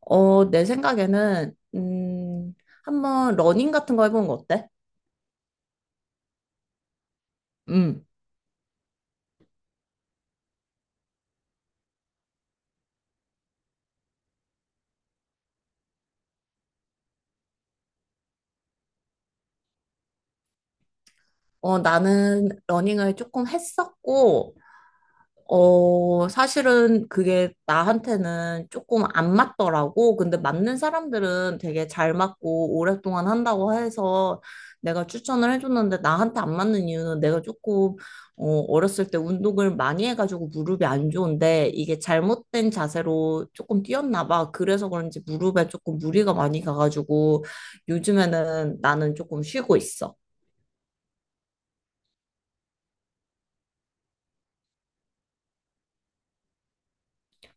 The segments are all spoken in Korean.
내 생각에는, 한번 러닝 같은 거 해보는 거 어때? 음. 나는 러닝을 조금 했었고, 사실은 그게 나한테는 조금 안 맞더라고. 근데 맞는 사람들은 되게 잘 맞고 오랫동안 한다고 해서 내가 추천을 해줬는데 나한테 안 맞는 이유는 내가 조금 어렸을 때 운동을 많이 해가지고 무릎이 안 좋은데 이게 잘못된 자세로 조금 뛰었나 봐. 그래서 그런지 무릎에 조금 무리가 많이 가가지고 요즘에는 나는 조금 쉬고 있어.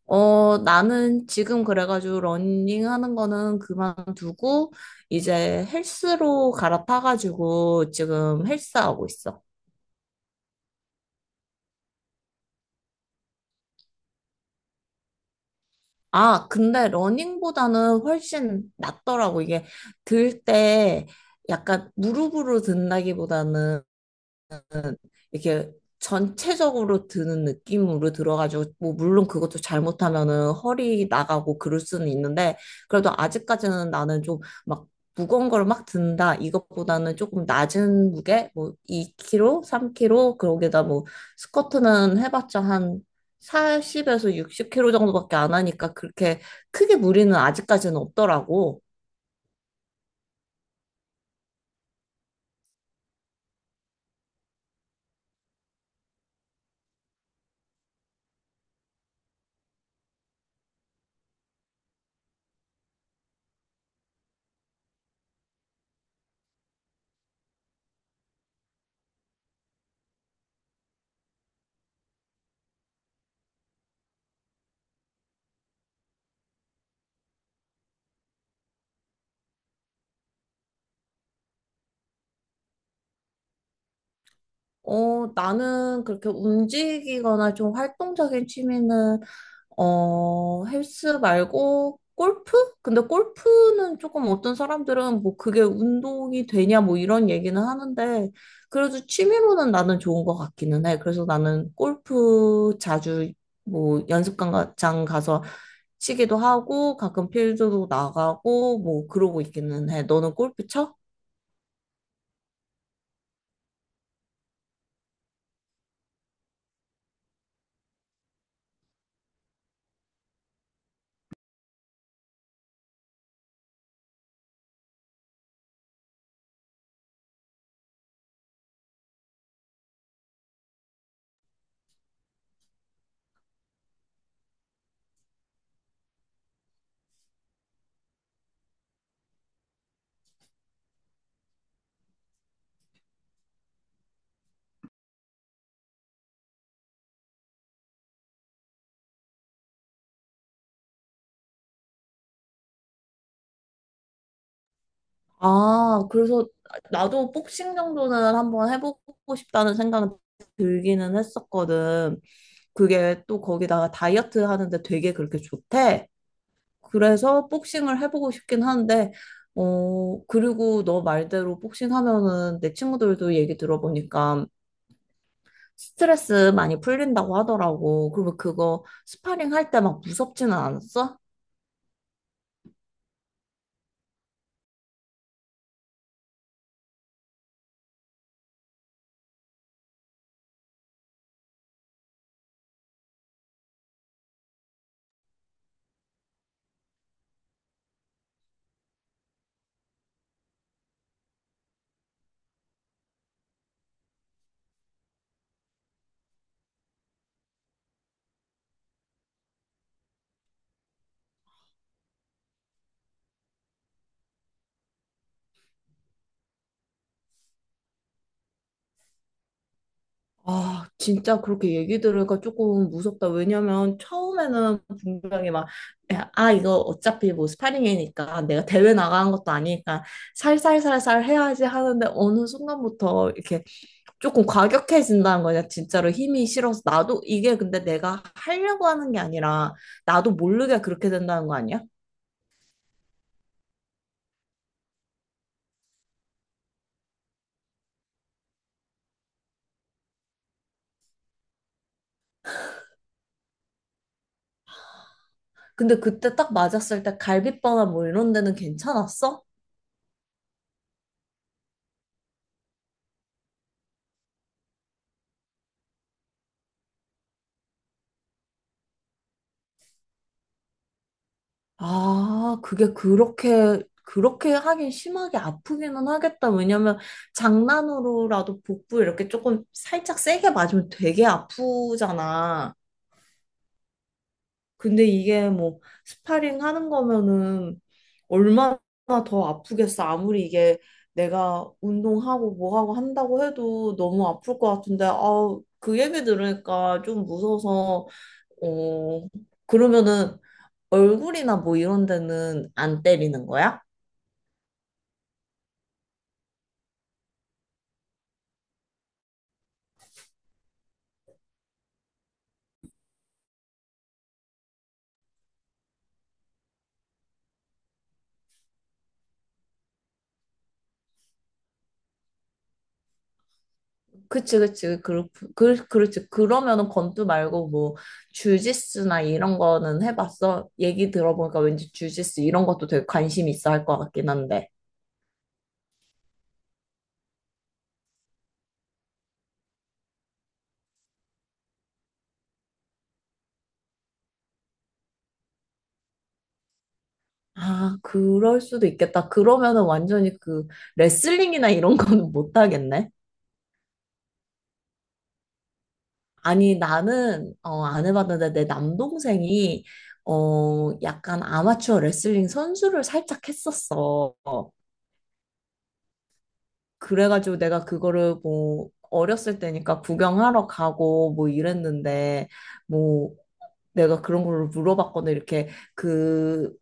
나는 지금 그래가지고 러닝 하는 거는 그만두고 이제 헬스로 갈아타가지고 지금 헬스하고 있어. 아, 근데 러닝보다는 훨씬 낫더라고. 이게 들 때 약간 무릎으로 든다기보다는 이렇게 전체적으로 드는 느낌으로 들어가지고 뭐 물론 그것도 잘못하면은 허리 나가고 그럴 수는 있는데 그래도 아직까지는 나는 좀 막 무거운 걸 막 든다 이것보다는 조금 낮은 무게 뭐 2kg, 3kg 그러게다 뭐 스쿼트는 해봤자 한 40에서 60kg 정도밖에 안 하니까 그렇게 크게 무리는 아직까지는 없더라고. 나는 그렇게 움직이거나 좀 활동적인 취미는 헬스 말고 골프? 근데 골프는 조금 어떤 사람들은 뭐 그게 운동이 되냐 뭐 이런 얘기는 하는데 그래도 취미로는 나는 좋은 것 같기는 해. 그래서 나는 골프 자주 뭐 연습장 가서 치기도 하고 가끔 필드도 나가고 뭐 그러고 있기는 해. 너는 골프 쳐? 아, 그래서 나도 복싱 정도는 한번 해보고 싶다는 생각은 들기는 했었거든. 그게 또 거기다가 다이어트 하는데 되게 그렇게 좋대. 그래서 복싱을 해보고 싶긴 한데, 그리고 너 말대로 복싱 하면은 내 친구들도 얘기 들어보니까 스트레스 많이 풀린다고 하더라고. 그러면 그거 스파링 할 때 막 무섭지는 않았어? 아, 진짜 그렇게 얘기 들으니까 조금 무섭다. 왜냐면 처음에는 분명히 막, 야, 아, 이거 어차피 뭐 스파링이니까 내가 대회 나가는 것도 아니니까 살살살살 해야지 하는데 어느 순간부터 이렇게 조금 과격해진다는 거냐. 진짜로 힘이 실어서 나도 이게 근데 내가 하려고 하는 게 아니라 나도 모르게 그렇게 된다는 거 아니야? 근데 그때 딱 맞았을 때 갈비뼈나 뭐 이런 데는 괜찮았어? 아, 그게 그렇게 하긴 심하게 아프기는 하겠다. 왜냐면 장난으로라도 복부 이렇게 조금 살짝 세게 맞으면 되게 아프잖아. 근데 이게 뭐 스파링 하는 거면은 얼마나 더 아프겠어. 아무리 이게 내가 운동하고 뭐하고 한다고 해도 너무 아플 것 같은데, 아, 그 얘기 들으니까 좀 무서워서 어, 그러면은 얼굴이나 뭐 이런 데는 안 때리는 거야? 그치, 그치, 그렇지. 그러면은 권투 말고 뭐 주짓수나 이런 거는 해봤어? 얘기 들어보니까 왠지 주짓수 이런 것도 되게 관심 있어 할 것 같긴 한데. 아, 그럴 수도 있겠다. 그러면은 완전히 그 레슬링이나 이런 거는 못 하겠네. 아니, 나는, 안 해봤는데, 내 남동생이, 약간 아마추어 레슬링 선수를 살짝 했었어. 그래가지고 내가 그거를 뭐, 어렸을 때니까 구경하러 가고 뭐 이랬는데, 뭐, 내가 그런 걸 물어봤거든. 이렇게 그,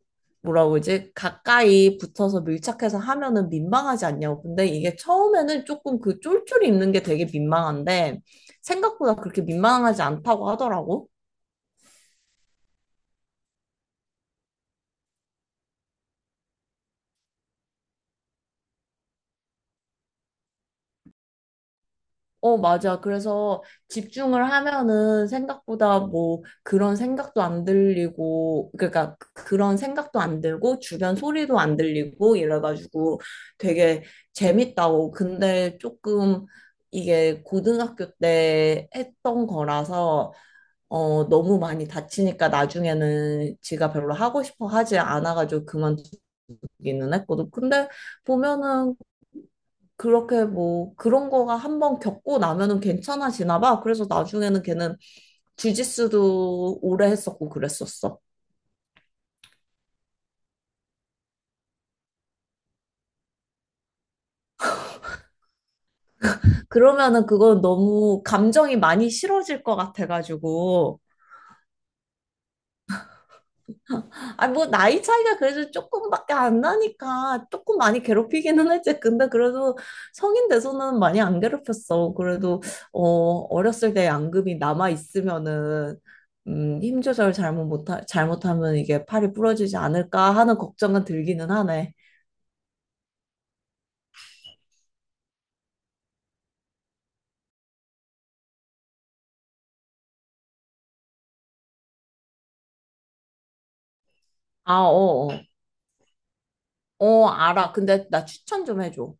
뭐라고 그러지? 가까이 붙어서 밀착해서 하면은 민망하지 않냐고. 근데 이게 처음에는 조금 그 쫄쫄이 입는 게 되게 민망한데, 생각보다 그렇게 민망하지 않다고 하더라고. 맞아. 그래서 집중을 하면은 생각보다 뭐 그런 생각도 안 들리고, 그러니까 그런 생각도 안 들고, 주변 소리도 안 들리고 이래가지고 되게 재밌다고. 근데 조금 이게 고등학교 때 했던 거라서, 너무 많이 다치니까 나중에는 지가 별로 하고 싶어 하지 않아가지고 그만두기는 했거든. 근데 보면은 그렇게 뭐 그런 거가 한번 겪고 나면은 괜찮아지나 봐. 그래서 나중에는 걔는 주짓수도 오래 했었고 그랬었어. 그러면은 그건 너무 감정이 많이 실어질 것 같아가지고 아, 뭐, 나이 차이가 그래도 조금밖에 안 나니까 조금 많이 괴롭히기는 했지. 근데 그래도 성인 돼서는 많이 안 괴롭혔어. 그래도, 어, 어렸을 때 양금이 남아있으면은, 힘 조절 잘못하면 이게 팔이 부러지지 않을까 하는 걱정은 들기는 하네. 아, 어, 어. 어, 알아. 근데 나 추천 좀 해줘.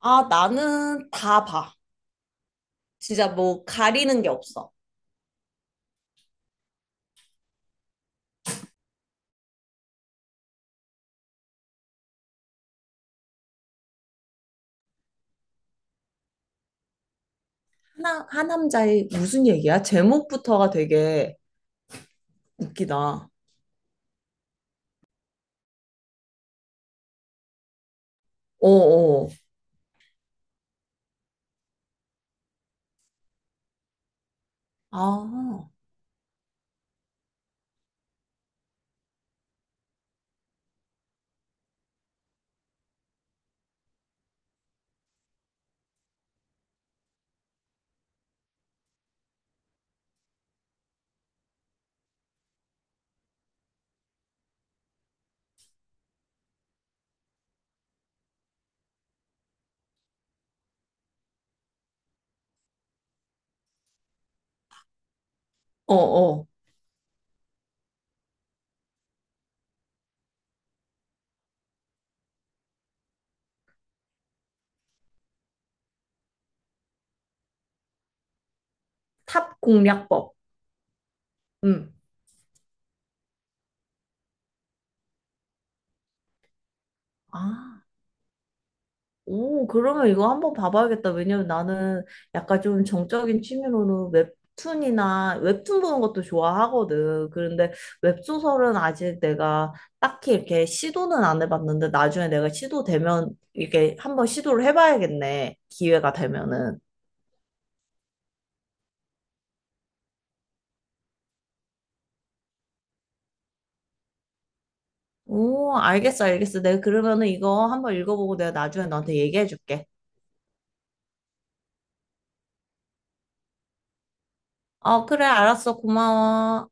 아, 나는 다 봐. 진짜 뭐 가리는 게 없어. 하남자의 무슨 얘기야? 제목부터가 되게 웃기다. 어어, 아, 어어. 탑 공략법. 음. 아. 오, 그러면 이거 한번 봐봐야겠다. 왜냐면 나는 약간 좀 정적인 취미로는 웹툰이나 웹툰 보는 것도 좋아하거든. 그런데 웹소설은 아직 내가 딱히 이렇게 시도는 안 해봤는데 나중에 내가 시도되면 이게 한번 시도를 해봐야겠네. 기회가 되면은. 오, 알겠어, 알겠어. 내가 그러면은 이거 한번 읽어보고 내가 나중에 너한테 얘기해줄게. 어, 그래, 알았어. 고마워.